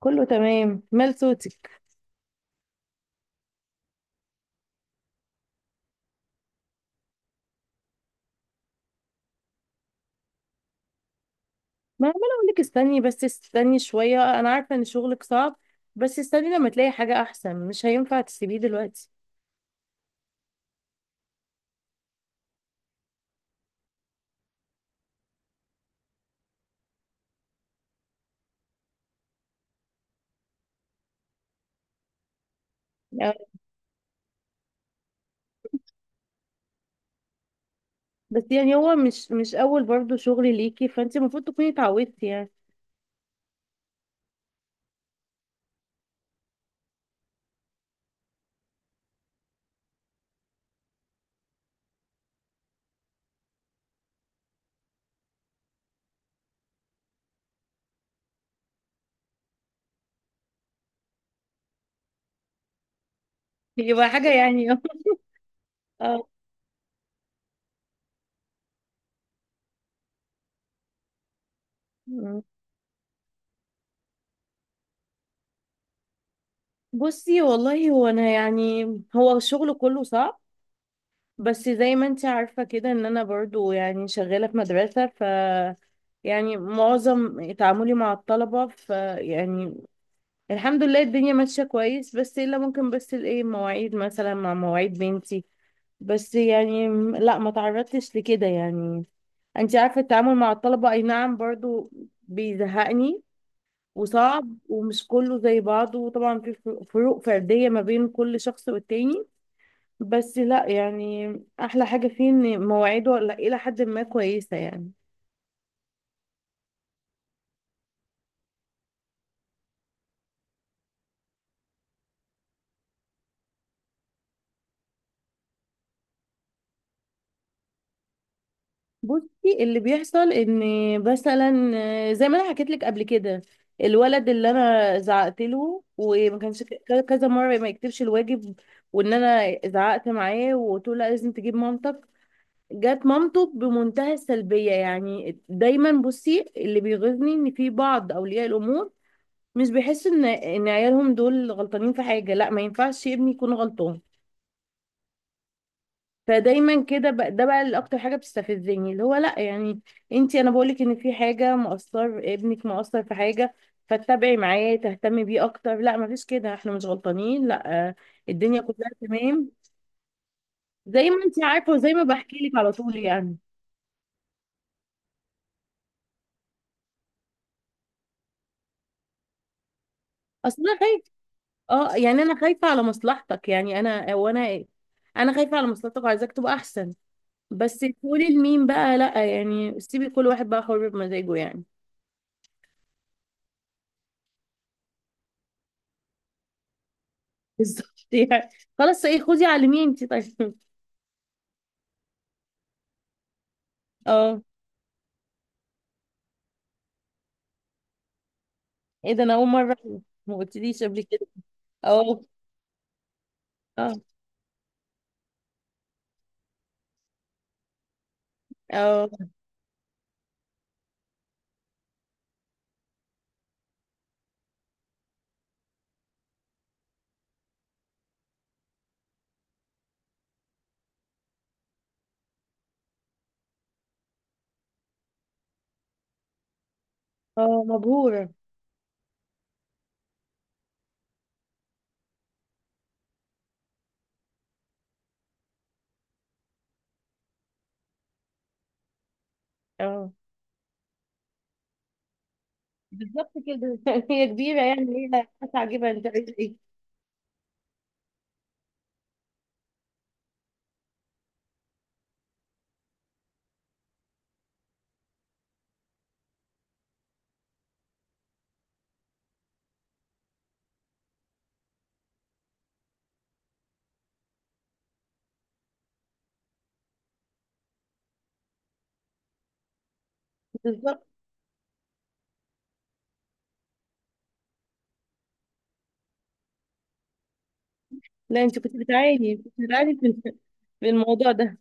كله تمام. مال صوتك؟ ما عماله اقول لك استني، بس استني شويه. انا عارفه ان شغلك صعب، بس استني لما تلاقي حاجه احسن، مش هينفع تسيبيه دلوقتي. آه، بس يعني هو مش اول برضو شغل ليكي، فانت المفروض تكوني اتعودتي يعني. يبقى حاجه يعني. اه. مم. بصي والله، هو انا يعني، هو الشغل كله صعب. بس زي ما انت عارفه كده، ان انا برضو يعني شغاله في مدرسه، ف يعني معظم تعاملي مع الطلبة، فيعني الحمد لله الدنيا ماشية كويس. بس الا ممكن، بس الايه، مواعيد مثلا مع مواعيد بنتي. بس يعني لا، ما تعرضتش لكده يعني. انت عارفة، التعامل مع الطلبة، اي نعم، برضو بيزهقني وصعب ومش كله زي بعضه. وطبعا في فروق فردية ما بين كل شخص والتاني. بس لا يعني، احلى حاجة فيه ان مواعيده لا، الى حد ما كويسة يعني. بصي اللي بيحصل ان مثلا، زي ما انا حكيت لك قبل كده، الولد اللي انا زعقت له وما كانش كذا مره ما يكتبش الواجب. وان انا زعقت معاه وقلت له لا، لازم تجيب مامتك. جت مامته بمنتهى السلبيه يعني. دايما بصي اللي بيغيظني ان في بعض اولياء الامور مش بيحسوا ان عيالهم دول غلطانين في حاجه. لا، ما ينفعش ابني يكون غلطان. فدايما كده بقى، ده بقى اللي اكتر حاجه بتستفزني، اللي هو لا يعني، انت، انا بقولك ان في حاجه، مقصر، ابنك مقصر في حاجه، فتتابعي معاه، تهتمي بيه اكتر. لا، مفيش كده، احنا مش غلطانين. لا. الدنيا كلها تمام. زي ما انت عارفه وزي ما بحكي لك على طول يعني. اصل انا خايفه. اه يعني انا خايفه على مصلحتك يعني، انا ايه، انا خايفه على مصلحتك وعايزاك تبقى احسن. بس تقولي لمين بقى؟ لا يعني، سيبي كل واحد بقى حر بمزاجه يعني. بالظبط يعني. خلاص، ايه، خدي علميه انت، طيب. اه، ايه ده، انا اول مره أعرف. ما قلتليش قبل كده. اه. اه. اه. اه، مبهوره. اه. بالظبط كده. هي كبيره يعني، هي هتعجبها، جيبها انت، عايزه ايه. بالظبط. لا، انت كنت بتعاني في الموضوع ده.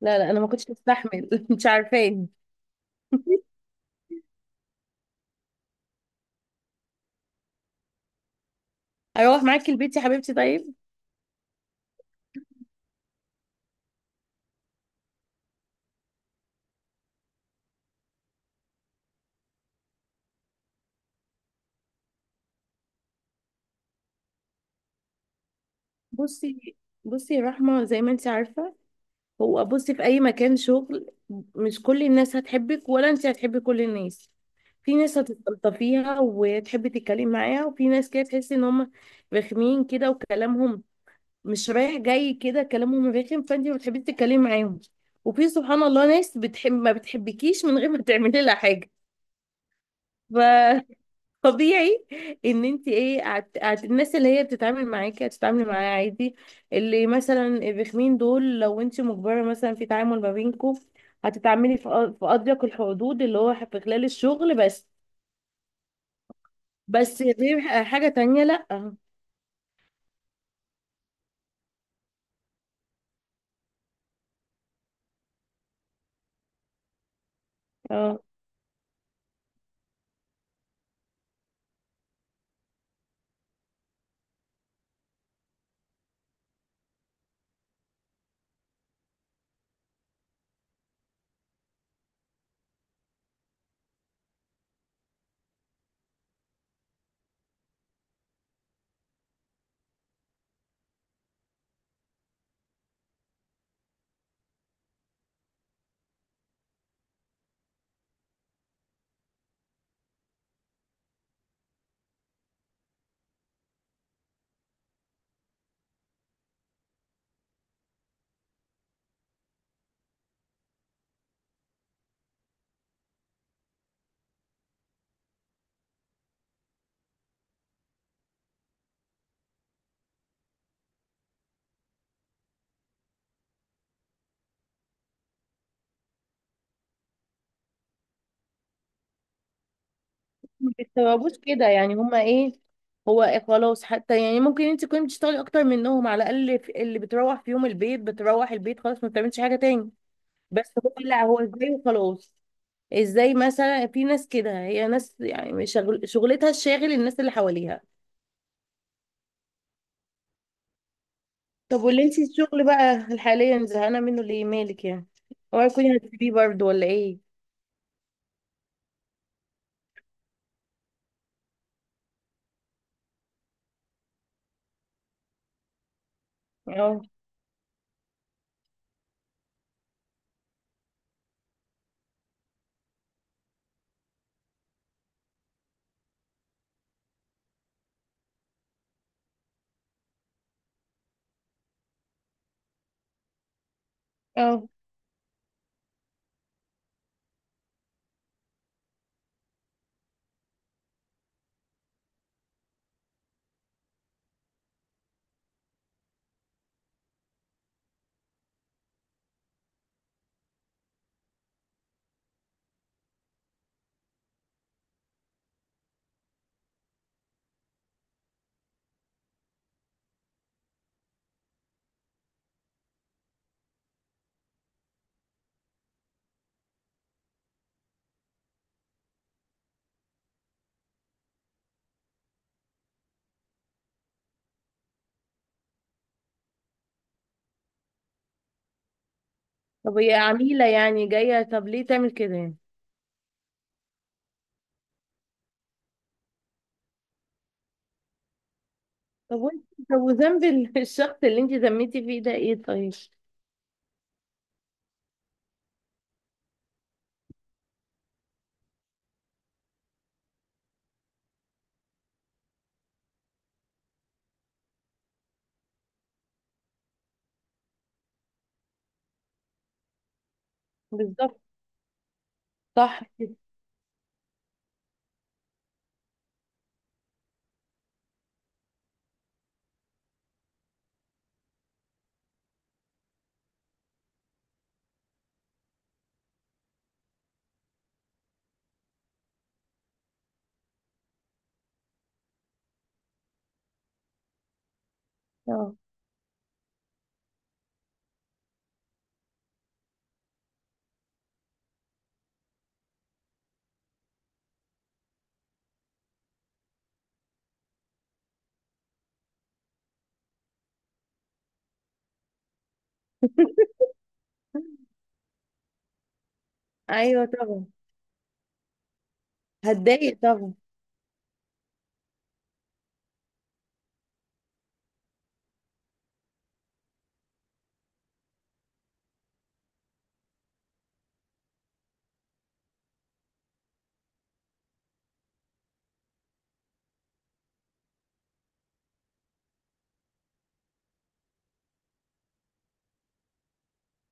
لا. لا، انا ما كنتش بستحمل. مش عارفاني. اروح معاكي البيت يا حبيبتي، طيب. بصي، بصي يا رحمه، زي ما انت عارفه، هو بصي، في اي مكان شغل، مش كل الناس هتحبك ولا انت هتحبي كل الناس. في ناس هتستلطفيها وتحبي تتكلمي معاها، وفي ناس كده تحسي ان هم رخمين كده، وكلامهم مش رايح جاي كده، كلامهم رخم، فانت ما بتحبيش تتكلمي معاهم. وفي سبحان الله ناس بتحب، ما بتحبكيش من غير ما تعملي لها حاجه. فطبيعي ان انت، ايه، الناس اللي هي بتتعامل معاكي هتتعاملي معاها عادي. اللي مثلا الرخمين دول، لو انت مجبره مثلا في تعامل ما بينكم، هتتعاملي في في اضيق الحدود، اللي هو في خلال الشغل بس. بس دي حاجة تانية، لأ. اه. ما بيستوعبوش كده يعني، هما ايه، هو إيه، خلاص. حتى يعني ممكن انت تكوني بتشتغلي اكتر منهم، على الاقل اللي بتروح في يوم البيت بتروح البيت خلاص، ما بتعملش حاجة تاني. بس هو لا، هو ازاي وخلاص، ازاي؟ مثلا في ناس كده، هي ناس يعني شغل شغلتها الشاغل الناس اللي حواليها. طب، واللي انت الشغل بقى حاليا زهقانة منه ليه، مالك يعني؟ اوعي تكوني هتسيبيه برضه ولا ايه؟ اه. اه. طب هي عميلة يعني جاية، طب ليه تعمل كده يعني؟ طب وانت، طب وذنب الشخص اللي انت ذميتي فيه ده ايه، طيب؟ بالظبط. صح كده. اه. ايوه طبعا. هتضايق طبعا.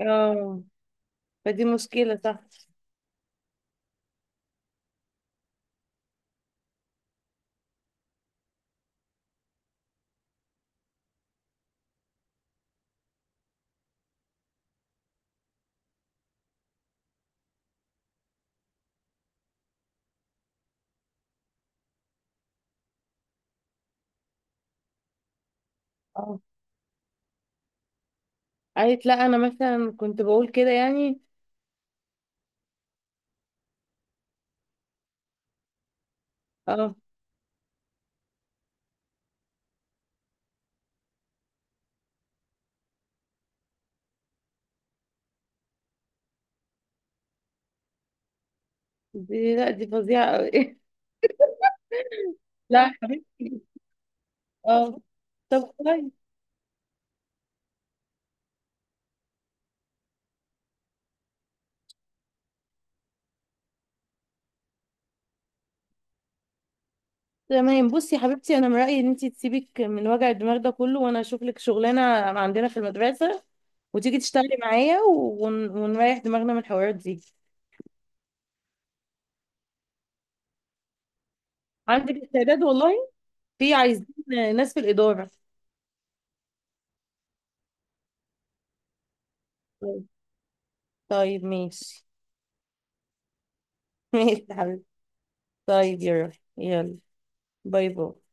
اه. فدي مشكلة، صح. اه. قالت لا، انا مثلا كنت بقول كده يعني. اه، دي لا، دي فظيعة قوي. لا يا حبيبتي. اه. طب كويس. تمام، بصي يا حبيبتي، انا من رأيي ان انت تسيبك من وجع الدماغ ده كله، وانا اشوف لك شغلانة عندنا في المدرسة، وتيجي تشتغلي معايا، ونريح دماغنا من الحوارات دي. عندك استعداد والله، في عايزين ناس في الإدارة. طيب. طيب، ماشي. ماشي يا حبيبي. طيب يا روحي. يلا. باي. باي.